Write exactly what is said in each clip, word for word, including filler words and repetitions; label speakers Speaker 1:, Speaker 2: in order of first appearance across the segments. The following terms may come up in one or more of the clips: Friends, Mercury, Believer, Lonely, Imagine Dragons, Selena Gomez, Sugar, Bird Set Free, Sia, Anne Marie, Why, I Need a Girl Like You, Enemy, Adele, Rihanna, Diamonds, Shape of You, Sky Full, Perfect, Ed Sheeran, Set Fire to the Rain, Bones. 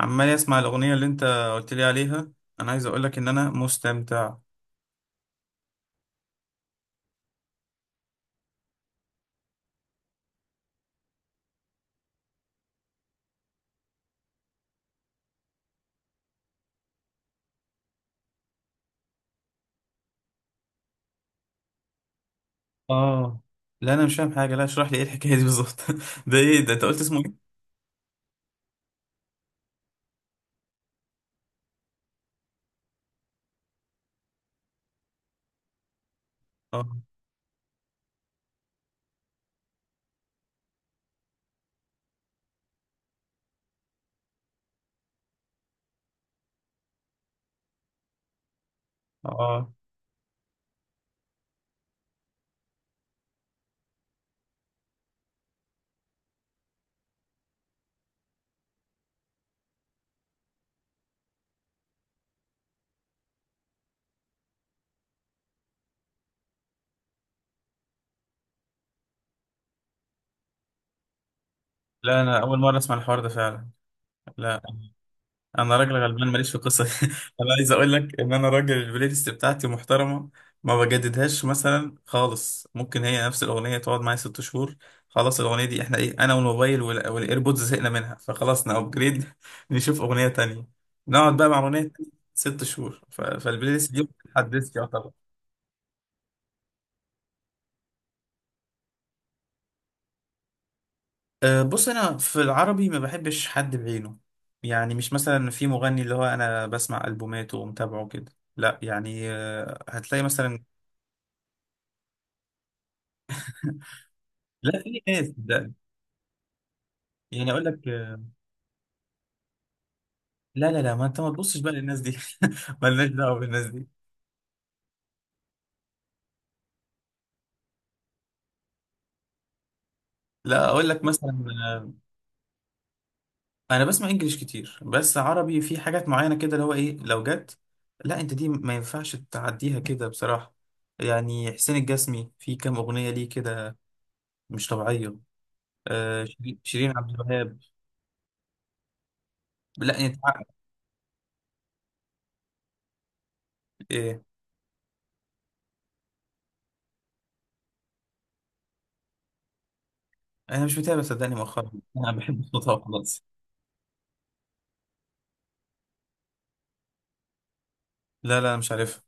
Speaker 1: عمال اسمع الاغنيه اللي انت قلت لي عليها. انا عايز اقول لك ان انا مستمتع. اه. لا انا مش فاهم حاجه، لا اشرح لي ايه الحكايه دي بالظبط؟ ده ايه ده؟ انت قلت اسمه ايه؟ اه اه. لا انا اول مره اسمع الحوار ده فعلا. لا، انا راجل غلبان ماليش في القصه دي. انا عايز اقول لك ان انا راجل البلاي ليست بتاعتي محترمه، ما بجددهاش مثلا خالص. ممكن هي نفس الاغنيه تقعد معايا ست شهور. خلاص الاغنيه دي احنا ايه؟ انا والموبايل وال- والايربودز زهقنا منها، فخلاص نابجريد. نشوف اغنيه تانية، نقعد بقى مع اغنيه تانية ست شهور. ف- فالبلاي ليست دي ما بتتحدثش يعتبر. أه، بص انا في العربي ما بحبش حد بعينه. يعني مش مثلا في مغني اللي هو انا بسمع البوماته ومتابعه كده، لا يعني. أه، هتلاقي مثلا. لا، في ناس ده. يعني اقول لك آه، لا لا لا، ما انت ما تبصش بقى للناس دي. مالناش دعوه بالناس دي. لا اقول لك مثلا آه، انا بسمع انجليش كتير، بس عربي في حاجات معينه كده اللي هو ايه لو جت. لا انت دي ما ينفعش تعديها كده بصراحه. يعني حسين الجسمي في كام اغنيه ليه كده! مش طبيعيه. آه، شيرين، شيرين عبد الوهاب. لا انت. ايه؟ انا مش متابع صدقني مؤخرا. انا بحب صوتها خلاص. لا لا مش عارفها.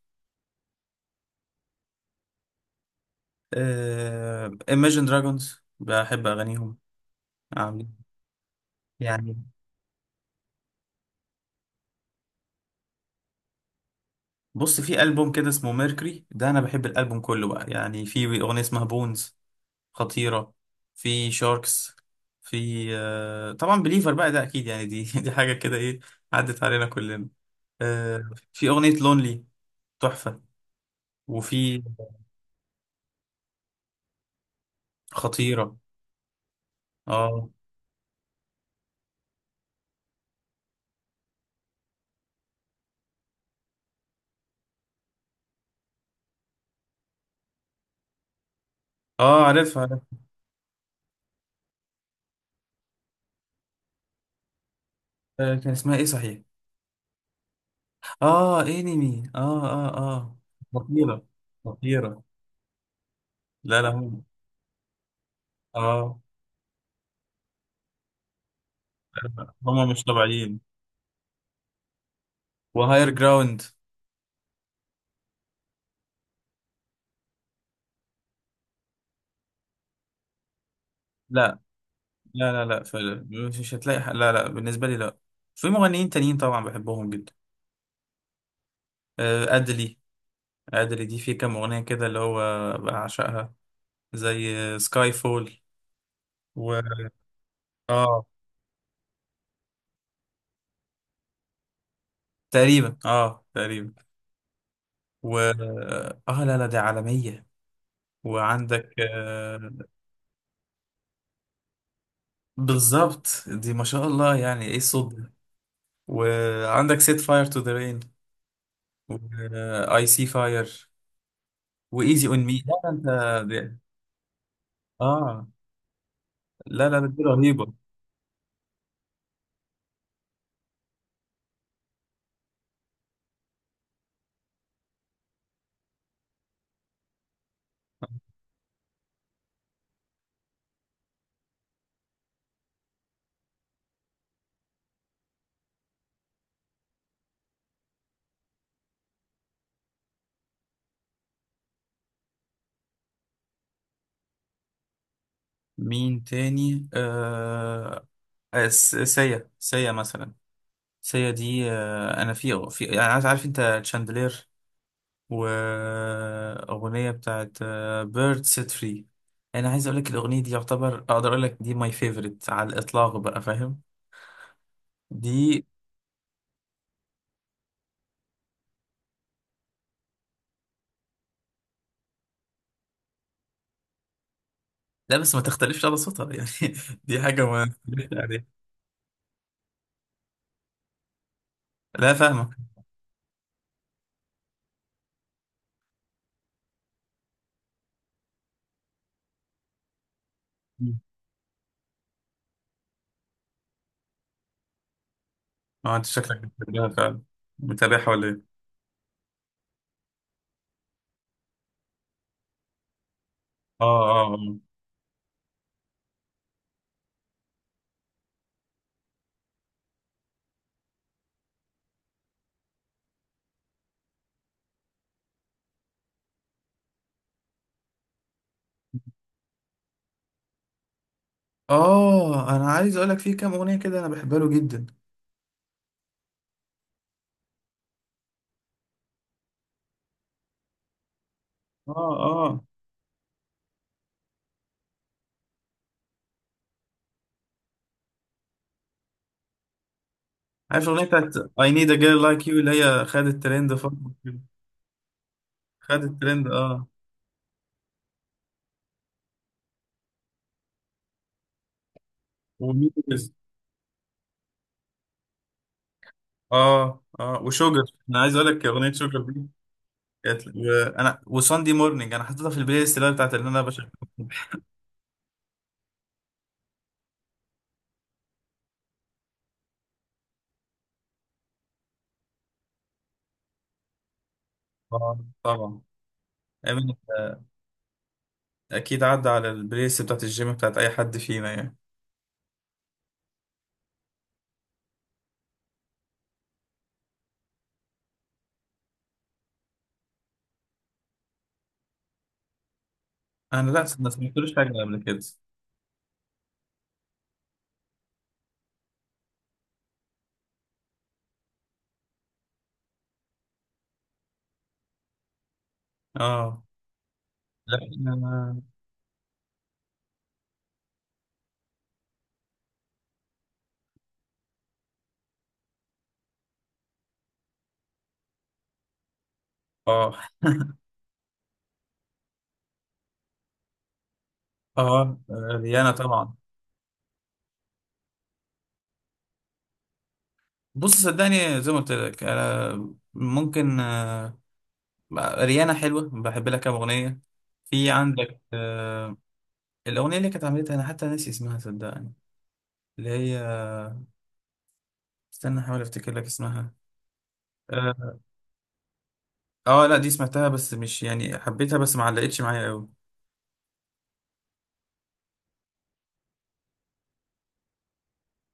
Speaker 1: آه، Imagine Dragons، بحب اغانيهم، عاملين. يعني بص، في ألبوم كده اسمه ميركوري، ده أنا بحب الألبوم كله بقى يعني. في أغنية اسمها بونز، خطيرة. في شاركس. في آه، طبعا بليفر بقى، ده أكيد يعني، دي دي حاجة كده إيه! عدت علينا كلنا. آه، في أغنية لونلي، تحفة. وفي، خطيرة. آه آه، عارفها عارفها. آه، كان اسمها إيه صحيح؟ آه إنمي، آه آه آه. خطيرة. خطيرة. لا لا، هم آه، هم مش طبيعيين. وهاير جراوند. لا لا لا لا فعلا مش هتلاقي حق. لا لا، بالنسبة لي لا. في مغنيين تانيين طبعا بحبهم جدا. آه، أدلي. أدلي دي في كام أغنية كده اللي هو، بعشقها، زي سكاي فول و اه تقريبا، اه تقريبا و اه. لا لا دي عالمية. وعندك آه، بالظبط، دي ما شاء الله، يعني ايه الصوت ده! وعندك سيت فاير تو ذا رين، واي سي فاير، وايزي اون مي. لا لا، انت دي- اه، لا لا لا، دي رهيبة. مين تاني آه... آه، س- سيا، سيا مثلا. سيا دي آه، انا في في يعني عارف عارف انت شاندلير، واغنيه بتاعت بيرد سيت فري. انا عايز اقول لك الاغنيه دي يعتبر، اقدر اقول لك دي ماي فيفورت على الاطلاق بقى، فاهم؟ دي، لا بس ما تختلفش على صوتها يعني. دي حاجه ما تختلفش عليها. لا فاهمه. اه، انت شكلك بتحبها فعلا، متابعها ولا ايه؟ اه اه اه. آه، انا عايز اقول لك في كام اغنيه كده انا بحبها له جدا. اه اه. عارف الاغنيه بتاعت I need a girl like you اللي هي خدت ترند فتره كده؟ خدت ترند اه. وميترز. اه اه وشوجر. انا عايز اقول لك اغنيه شوجر دي كانت، انا وساندي مورنينج، انا حطيتها في البلاي ليست اللي أنا بتاعت اللي انا بشغل. اه طبعا. أمين، آه، اكيد عدى على البلاي ليست بتاعت الجيم بتاعت اي حد فينا يعني. انا لا ما سمعتلوش حاجه قبل كده. اه. لا أنا- اه اه، ريانا طبعا. بص صدقني زي ما قلت لك انا، ممكن آه، ريانا حلوة بحب لها كام أغنية. في عندك آه، الأغنية اللي كانت عملتها أنا حتى ناسي اسمها صدقني، اللي هي، استنى أحاول أفتكر لك اسمها. آه، آه لا دي سمعتها بس مش يعني حبيتها، بس ما علقتش معايا أوي.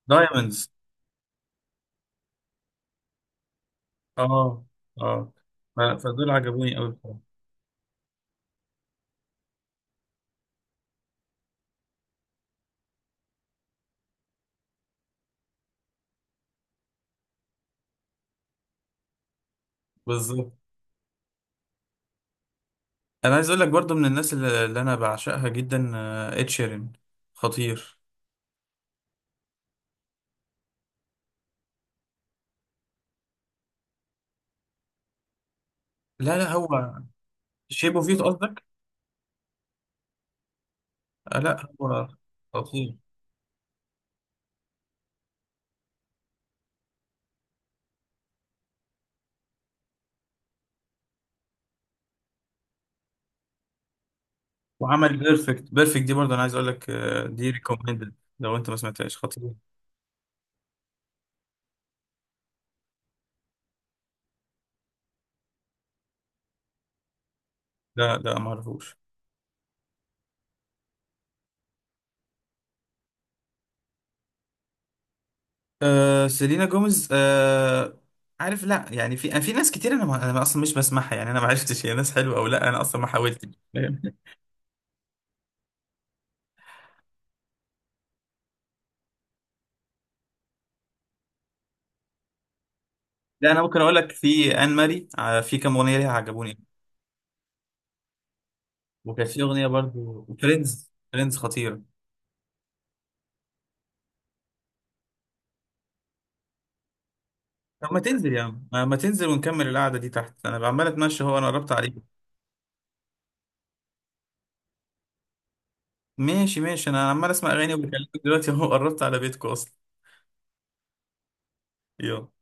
Speaker 1: دايموندز، آه، آه. ف- فدول عجبوني أوي بصراحة. بالظبط. أنا عايز أقول لك برضو من الناس اللي, اللي أنا بعشقها جدا، آه، إد شيرين، خطير. لا لا هو، شيب أوف يو قصدك؟ آه، لا هو خطير. وعمل بيرفكت. بيرفكت دي برضه انا عايز اقول لك آه، دي ريكومندد لو انت ما سمعتهاش، خطير. لا لا ما اعرفوش. آه، سيلينا جوميز، آه عارف، لا يعني في في ناس كتير، انا ما انا اصلا مش بسمعها يعني، انا ما عرفتش هي ناس حلوه او لا، انا اصلا ما حاولتش، فاهم؟ لا انا ممكن اقول لك في ان ماري، آه، في كام اغنيه ليها عجبوني. وكانت في اغنيه برضه فريندز، فريندز خطيره. طب ما تنزل يا عم، آه، ما تنزل ونكمل القعده دي تحت، انا عمال اتمشى، هو انا قربت عليك. ماشي ماشي، انا عمال اسمع اغاني وبكلمك دلوقتي، هو قربت على بيتكم اصلا. يلا.